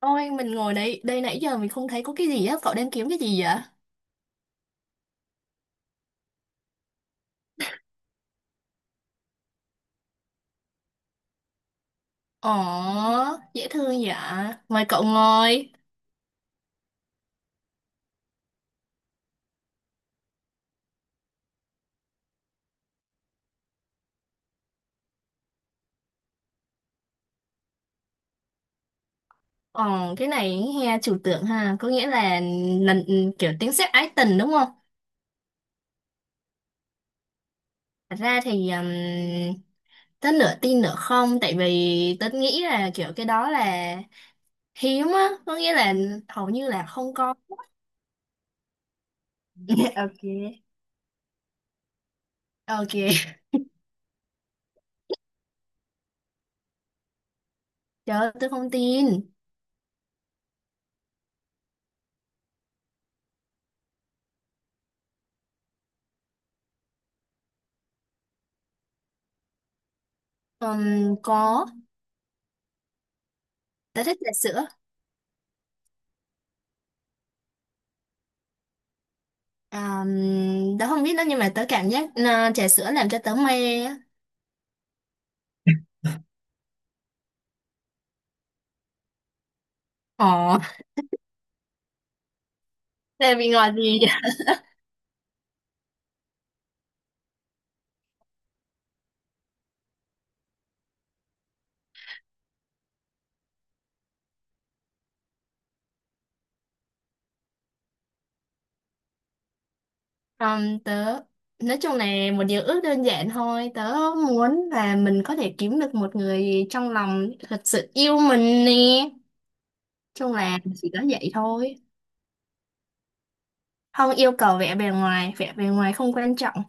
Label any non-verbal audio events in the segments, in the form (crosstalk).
Ôi, mình ngồi đây, đây nãy giờ mình không thấy có cái gì á. Cậu đang kiếm cái gì vậy? Ồ, dễ thương vậy. Mời cậu ngồi. Ồ, cái này he chủ tượng ha, có nghĩa là lần kiểu tiếng sét ái tình đúng không? Thật ra thì tớ nửa tin nửa không, tại vì tớ nghĩ là kiểu cái đó là hiếm á, có nghĩa là hầu như là không có. (laughs) Ok. Ok, trời ơi, tớ không tin. Có, tớ thích trà sữa. À, tớ không biết đó nhưng mà tớ cảm giác trà sữa làm cho tớ mê á. Ồ, là vì ngoài gì à, tớ nói chung là một điều ước đơn giản thôi. Tớ muốn là mình có thể kiếm được một người trong lòng thật sự yêu mình nè, chung là chỉ có vậy thôi, không yêu cầu vẻ bề ngoài, vẻ bề ngoài không quan trọng.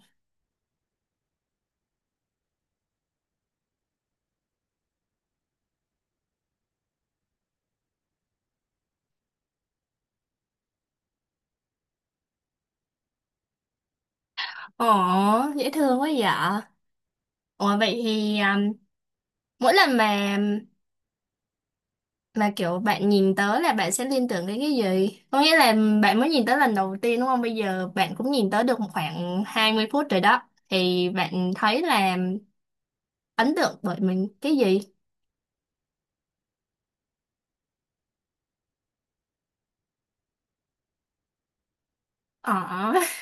Ồ, dễ thương quá vậy. Ồ vậy thì à, mỗi lần mà là kiểu bạn nhìn tới là bạn sẽ liên tưởng đến cái gì, có nghĩa là bạn mới nhìn tới lần đầu tiên đúng không? Bây giờ bạn cũng nhìn tới được khoảng 20 phút rồi đó, thì bạn thấy là ấn tượng bởi mình cái gì? ờ (laughs)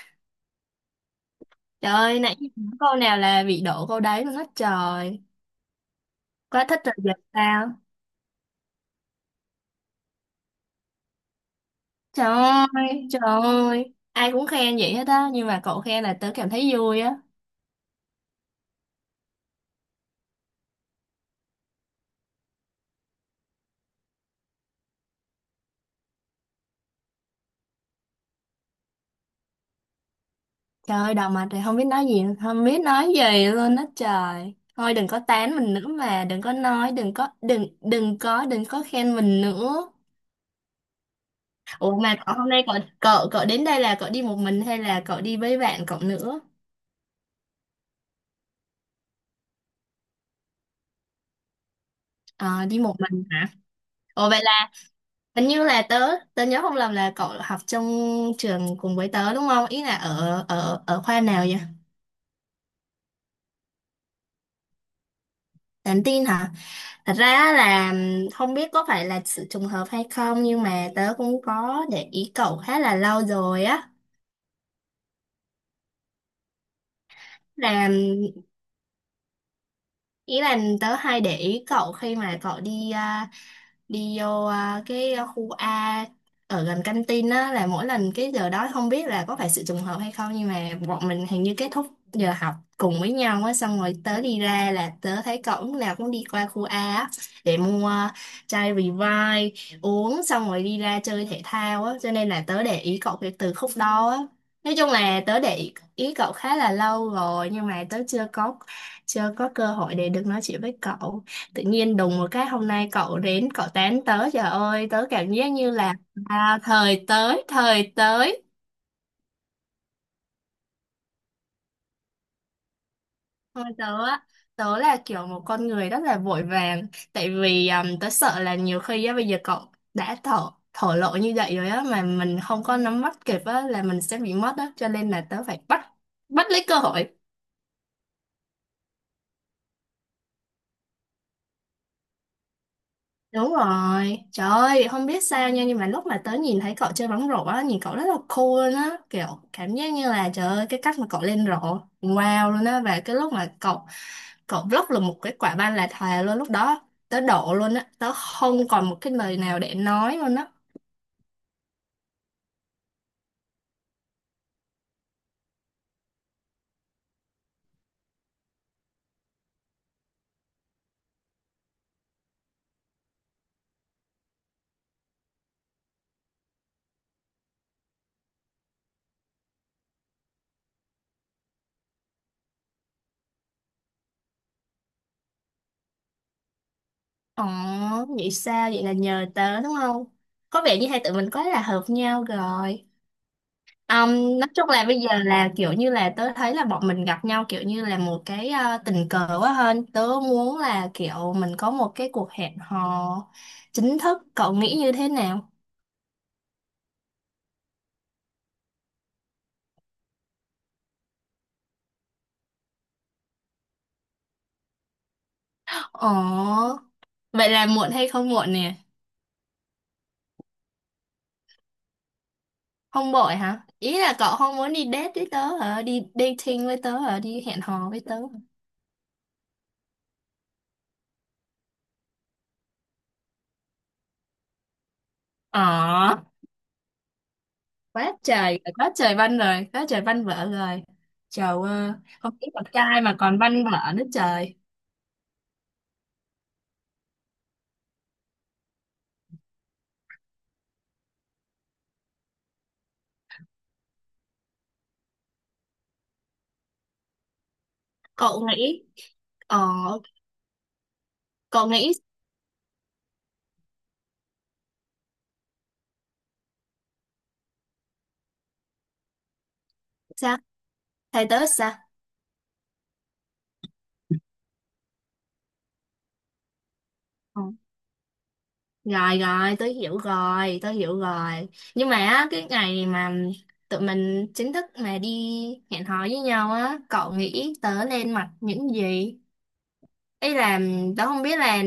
Trời ơi, nãy giờ nói câu nào là bị đổ câu đấy luôn á trời. Quá thích rồi giờ sao. Trời ơi, trời ơi, ai cũng khen vậy hết á, nhưng mà cậu khen là tớ cảm thấy vui á. Trời ơi, đầu mặt thì không biết nói gì, không biết nói gì luôn á trời. Thôi đừng có tán mình nữa mà, đừng có nói, đừng có, đừng, đừng có, đừng có khen mình nữa. Ủa mà cậu hôm nay cậu đến đây là cậu đi một mình hay là cậu đi với bạn cậu nữa? À, đi một mình hả? Ủa vậy là hình như là tớ, tớ nhớ không lầm là cậu học trong trường cùng với tớ đúng không? Ý là ở khoa nào vậy? Nhắn tin hả? Thật ra á là không biết có phải là sự trùng hợp hay không, nhưng mà tớ cũng có để ý cậu khá là lâu rồi á. Là ý là tớ hay để ý cậu khi mà cậu đi à, đi vô à, cái khu A ở gần căng tin á, là mỗi lần cái giờ đó không biết là có phải sự trùng hợp hay không, nhưng mà bọn mình hình như kết thúc giờ học cùng với nhau á, xong rồi tớ đi ra là tớ thấy cậu lúc nào cũng đi qua khu A á để mua chai Revive, uống xong rồi đi ra chơi thể thao á, cho nên là tớ để ý cậu kể từ khúc đó á. Nói chung là tớ để ý ý cậu khá là lâu rồi, nhưng mà tớ chưa có, chưa có cơ hội để được nói chuyện với cậu. Tự nhiên đùng một cái hôm nay cậu đến cậu tán tớ, trời ơi tớ cảm giác như là à, thời tới thời tới. Thôi tớ á, tớ là kiểu một con người rất là vội vàng, tại vì tớ sợ là nhiều khi á bây giờ cậu đã thổ thổ lộ như vậy rồi á mà mình không có nắm bắt kịp á là mình sẽ bị mất á, cho nên là tớ phải bắt bắt lấy cơ hội. Đúng rồi, trời ơi, không biết sao nha, nhưng mà lúc mà tớ nhìn thấy cậu chơi bóng rổ á, nhìn cậu rất là cool luôn á, kiểu cảm giác như là trời ơi, cái cách mà cậu lên rổ, wow luôn á, và cái lúc mà cậu block là một cái quả banh là thề luôn, lúc đó tớ đổ luôn á, tớ không còn một cái lời nào để nói luôn á. Ồ, vậy sao, vậy là nhờ tớ đúng không? Có vẻ như hai tụi mình quá là hợp nhau rồi. Nói chung là bây giờ là kiểu như là tớ thấy là bọn mình gặp nhau kiểu như là một cái tình cờ quá, hơn tớ muốn là kiểu mình có một cái cuộc hẹn hò chính thức, cậu nghĩ như thế nào? Ồ vậy là muộn hay không muộn nè? Không vội hả? Ý là cậu không muốn đi date với tớ hả? Đi dating với tớ hả? Đi hẹn hò với tớ hả? Ờ, quá trời văn rồi, quá trời văn vở rồi, trời ơi, không biết con trai mà còn văn vở nữa trời. Cậu nghĩ. Ờ. Cậu nghĩ sao? Thầy tớ sao? Ừ. Rồi rồi, tớ hiểu rồi, tớ hiểu rồi. Nhưng mà á, cái ngày mà tụi mình chính thức mà đi hẹn hò với nhau á, cậu nghĩ tớ nên mặc những gì? Ý là tớ không biết là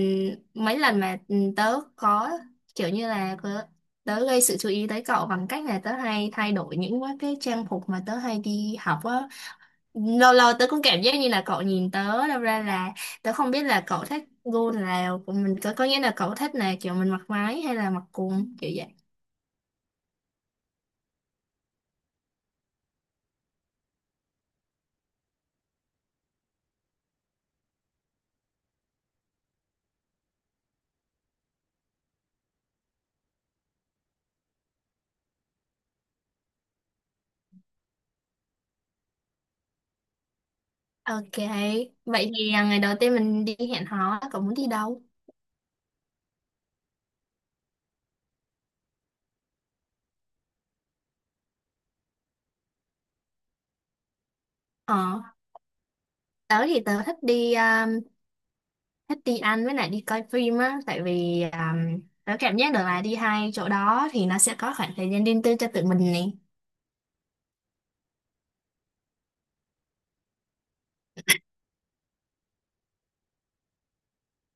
mấy lần mà ừ, tớ có kiểu như là tớ gây sự chú ý tới cậu bằng cách là tớ hay thay đổi những cái trang phục mà tớ hay đi học á, lâu lâu tớ cũng cảm giác như là cậu nhìn tớ đâu ra là tớ không biết là cậu thích gu nào của mình, có nghĩa là cậu thích là kiểu mình mặc váy hay là mặc quần kiểu vậy. Ok vậy thì à, ngày đầu tiên mình đi hẹn hò cậu muốn đi đâu? Ờ, tớ thì tớ thích đi ăn với lại đi coi phim á, tại vì tớ cảm giác được là đi hai chỗ đó thì nó sẽ có khoảng thời gian riêng tư cho tụi mình nè.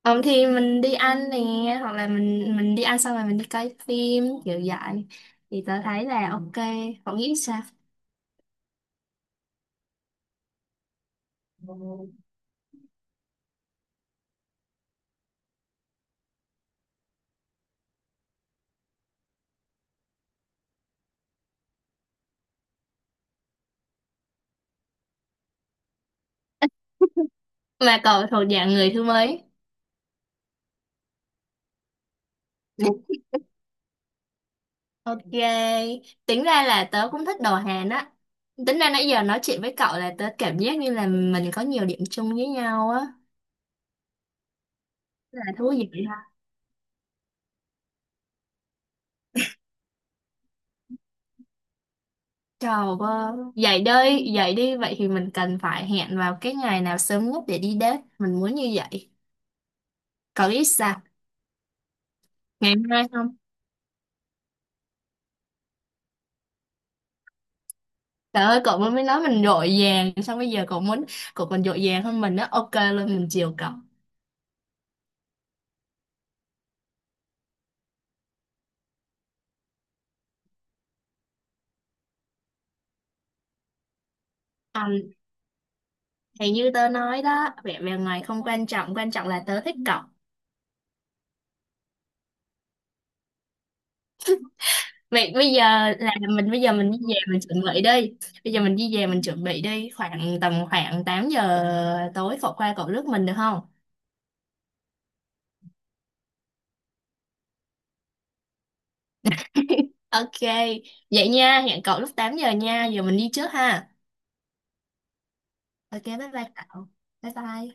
Ờ, thì mình đi ăn nè, hoặc là mình đi ăn xong rồi mình đi coi phim kiểu vậy thì tớ thấy là ok, cậu nghĩ sao? Mà cậu thuộc dạng người thứ mấy? Ok, tính ra là tớ cũng thích đồ Hàn á. Tính ra nãy giờ nói chuyện với cậu là tớ cảm giác như là mình có nhiều điểm chung với nhau á, là thú vị ha. Trời ơi vậy đây vậy đi, vậy thì mình cần phải hẹn vào cái ngày nào sớm nhất để đi date, mình muốn như vậy. Cậu biết sao? Ngày mai không? Trời ơi cậu mới nói mình dội vàng, xong bây giờ cậu muốn. Cậu còn dội vàng hơn mình đó. Ok luôn mình chiều cậu. À, thì như tớ nói đó, vẻ bề ngoài không quan trọng, quan trọng là tớ thích cậu. Vậy bây giờ là mình, bây giờ mình đi về mình chuẩn bị đi, bây giờ mình đi về mình chuẩn bị đi. Khoảng tầm khoảng 8 giờ tối, cậu qua cậu rước mình được không? Ok. Vậy nha, hẹn cậu lúc 8 giờ nha. Giờ mình đi trước ha. Ok bye bye cậu. Bye bye.